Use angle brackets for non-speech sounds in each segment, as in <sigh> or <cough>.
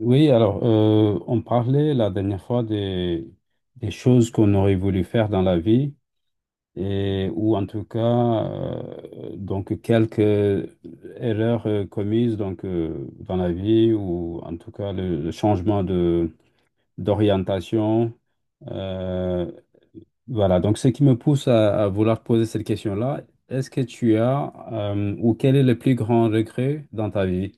Oui, alors, on parlait la dernière fois des choses qu'on aurait voulu faire dans la vie, ou en tout cas, quelques erreurs commises, dans la vie, ou en tout cas, le changement d'orientation. Euh, voilà, donc ce qui me pousse à vouloir poser cette question-là, est-ce que tu as, ou quel est le plus grand regret dans ta vie?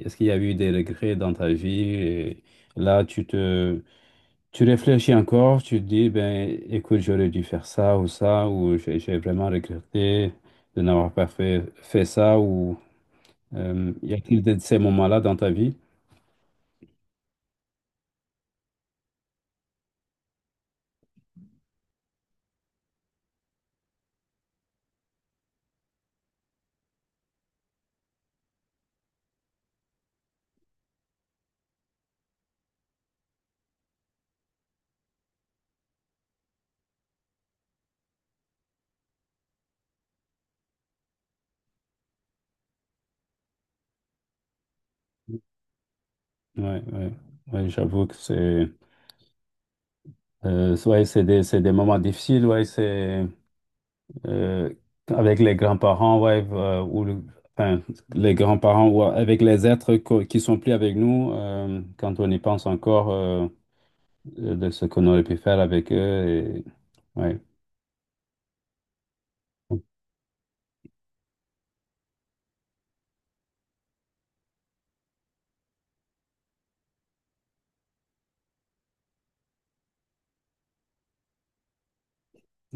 Est-ce qu'il y a eu des regrets dans ta vie? Et là, tu réfléchis encore, tu te dis, ben, écoute, j'aurais dû faire ça ou ça, ou j'ai vraiment regretté de n'avoir pas fait ça, ou y a-t-il de ces moments-là dans ta vie? Ouais, ouais, ouais, j'avoue que c'est, ouais, c'est des moments difficiles, ouais, c'est. euh, Avec les grands-parents, ouais, enfin, les grands-parents, ou avec les êtres qui sont plus avec nous, quand on y pense encore, de ce qu'on aurait pu faire avec eux. Et, ouais.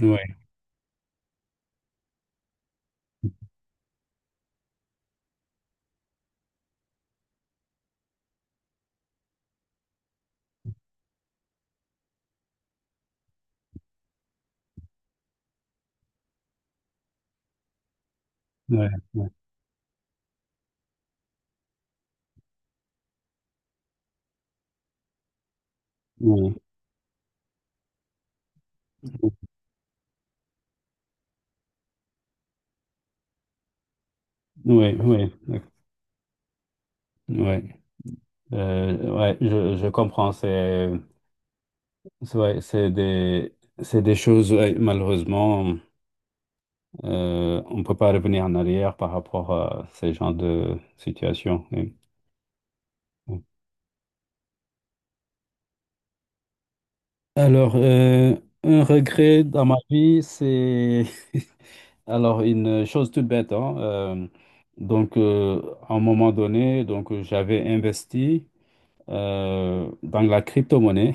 Ouais, ouais, ouais, ouais, ouais, ouais, ouais, ouais. Ouais, je comprends, ouais, c'est des choses, ouais, malheureusement, on ne peut pas revenir en arrière par rapport à ces genres de situations. Oui. Alors, un regret dans ma vie, c'est <laughs> alors une chose toute bête, hein, donc, euh, à un moment donné, donc j'avais investi dans la crypto-monnaie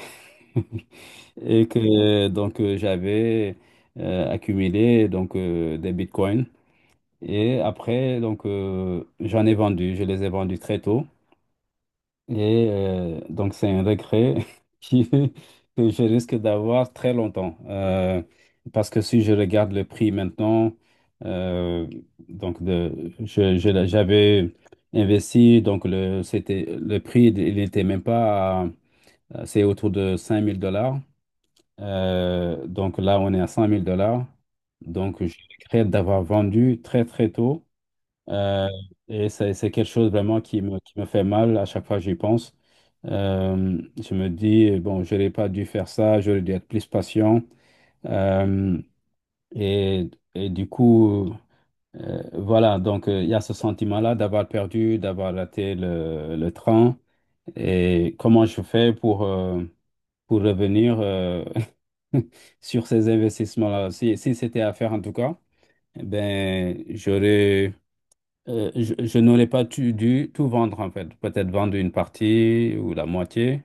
<laughs> et que j'avais accumulé des bitcoins et après j'en ai vendu, je les ai vendus très tôt. Et donc, c'est un regret <laughs> qui- que je risque d'avoir très longtemps. Parce que si je regarde le prix maintenant, euh, j'avais investi, c'était, le prix, il n'était même pas, c'est autour de 5 000 dollars. Donc là, on est à 100 000 dollars. Donc, je regrette d'avoir vendu très, très tôt. Euh, et c'est quelque chose vraiment qui qui me fait mal à chaque fois que j'y pense. Je me dis, bon, je n'aurais pas dû faire ça, j'aurais dû être plus patient. Euh, et du coup, voilà, il y a ce sentiment-là d'avoir perdu, d'avoir raté le train. Et comment je fais pour revenir <laughs> sur ces investissements-là? Si c'était à faire en tout cas, eh ben, j'aurais... Euh, je n'aurais pas dû tout vendre en fait. Peut-être vendre une partie ou la moitié,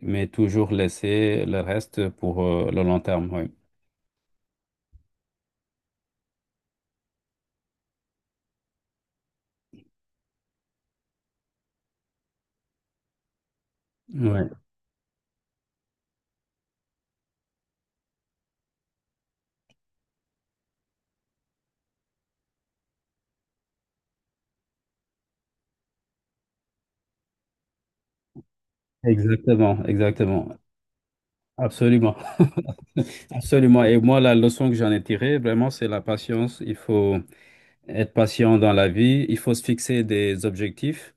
mais toujours laisser le reste pour le long terme. Oui. Ouais. Exactement, exactement. Absolument. <laughs> Absolument. Et moi, la leçon que j'en ai tirée, vraiment, c'est la patience. Il faut être patient dans la vie. Il faut se fixer des objectifs.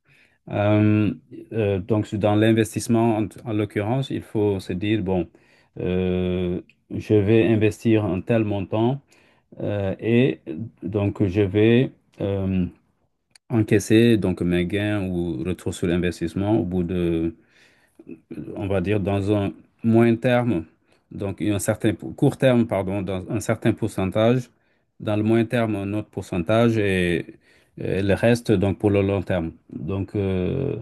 Euh, donc, dans l'investissement, en l'occurrence, il faut se dire, bon, euh, je vais investir un tel montant. Et donc, je vais euh, encaisser donc mes gains ou retour sur l'investissement au bout de, on va dire, dans un moyen terme, donc un certain court terme, pardon, dans un certain pourcentage, dans le moyen terme, un autre pourcentage et le reste, donc, pour le long terme.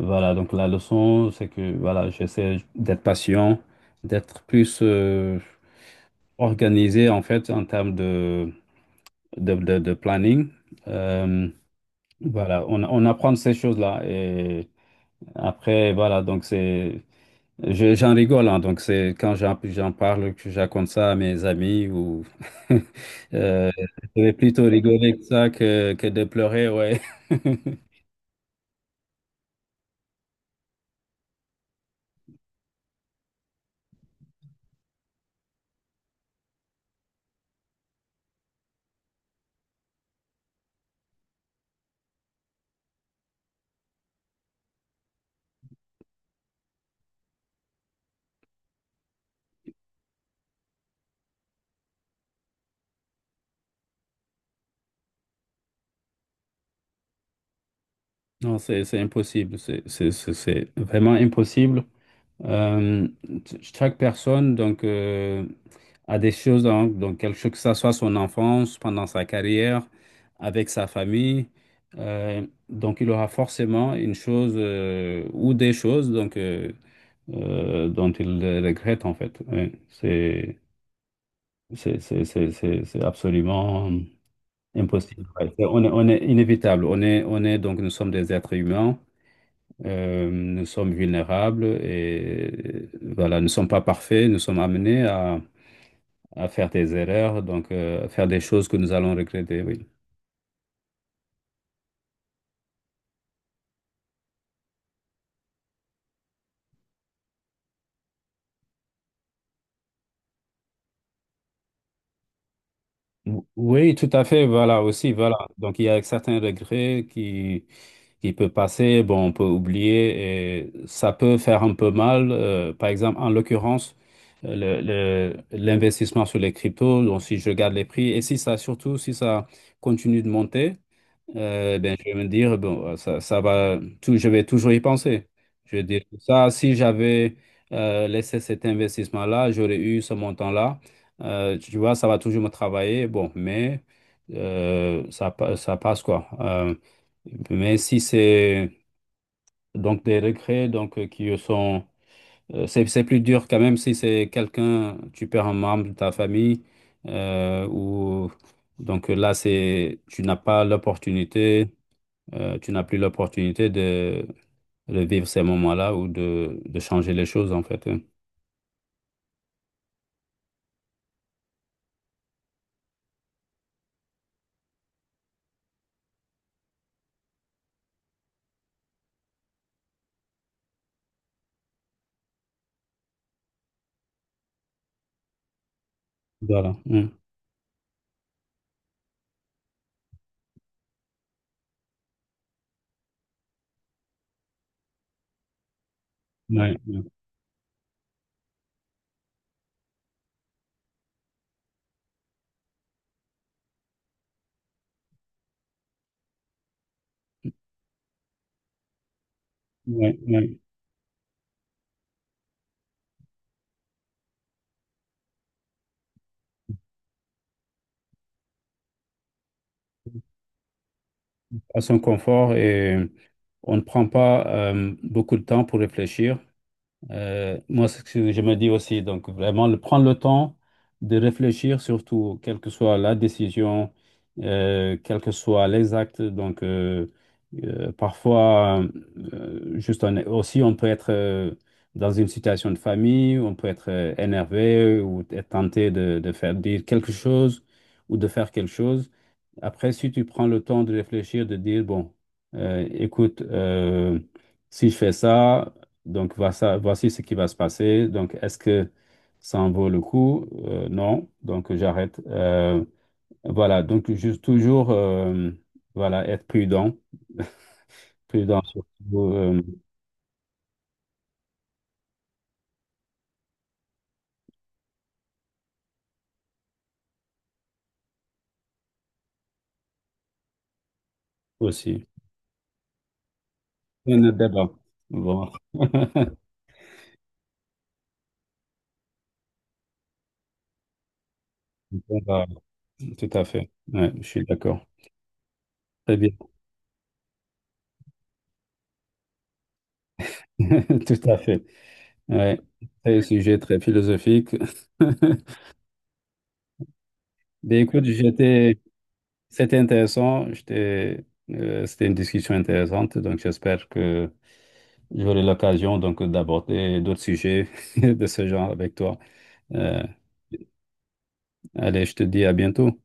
Voilà, donc la leçon, c'est que, voilà, j'essaie d'être patient, d'être plus organisé, en fait, en termes de planning. Euh, voilà, on apprend de ces choses-là. Et après, voilà, donc c'est. J'en rigole, hein, donc c'est quand j'en parle, que je raconte ça à mes amis ou. <laughs> Euh, je vais plutôt rigoler que ça que de pleurer, ouais. <laughs> Non, c'est impossible, c'est vraiment impossible. Euh, Chaque personne a des choses, donc quelque chose que ça soit son enfance, pendant sa carrière, avec sa famille. Donc il aura forcément une chose ou des choses dont il regrette en fait. Ouais, c'est absolument impossible. Ouais, c'est- on est inévitable. On est donc nous sommes des êtres humains. Nous sommes vulnérables et, voilà, nous ne sommes pas parfaits, nous sommes amenés à faire des erreurs, à faire des choses que nous allons regretter, oui. Oui, tout à fait, voilà aussi, voilà. Donc il y a certains regrets qui peuvent passer, bon, on peut oublier et ça peut faire un peu mal. Par exemple, en l'occurrence, euh, l'investissement sur les cryptos, donc si je garde les prix et si ça, surtout si ça continue de monter. Ben, je vais me dire, bon, ça, ça va, tout, je vais toujours y penser. Je vais dire, ça, si j'avais laissé cet investissement-là, j'aurais eu ce montant-là. Tu vois, ça va toujours me travailler. Bon, mais ça, ça passe quoi. Mais si c'est donc des regrets, qui sont. C'est plus dur quand même si c'est quelqu'un, tu perds un membre de ta famille, ou. Là, c'est, tu n'as pas l'opportunité, tu n'as plus l'opportunité de vivre ces moments-là ou de changer les choses, en fait. Hein. Voilà. Hein. Ouais, ouais, ouais, ouais. À son confort et on ne prend pas beaucoup de temps pour réfléchir. Moi, c'est ce que je me dis aussi, donc vraiment, prendre le temps de réfléchir, surtout, quelle que soit la décision, quel que soit les actes. Parfois, juste on est- aussi, on peut être dans une situation de famille, on peut être énervé ou être tenté de faire dire quelque chose ou de faire quelque chose. Après, si tu prends le temps de réfléchir, de dire, bon, écoute, si je fais ça, donc, voici ce qui va se passer. Donc, est-ce que ça en vaut le coup? Non. Donc, j'arrête. Voilà. Donc, juste toujours, voilà, être prudent. Prudent, surtout, aussi. Et le débat. Bon. <laughs> Voilà. Tout à fait. Ouais, je suis d'accord. Très bien. <laughs> Tout à fait. Ouais. C'est un sujet très philosophique. <laughs> Ben, écoute, j'étais, c'était intéressant. C'était une discussion intéressante. Donc, j'espère que j'aurai l'occasion donc d'aborder d'autres sujets <laughs> de ce genre avec toi. Euh, Allez, je te dis à bientôt.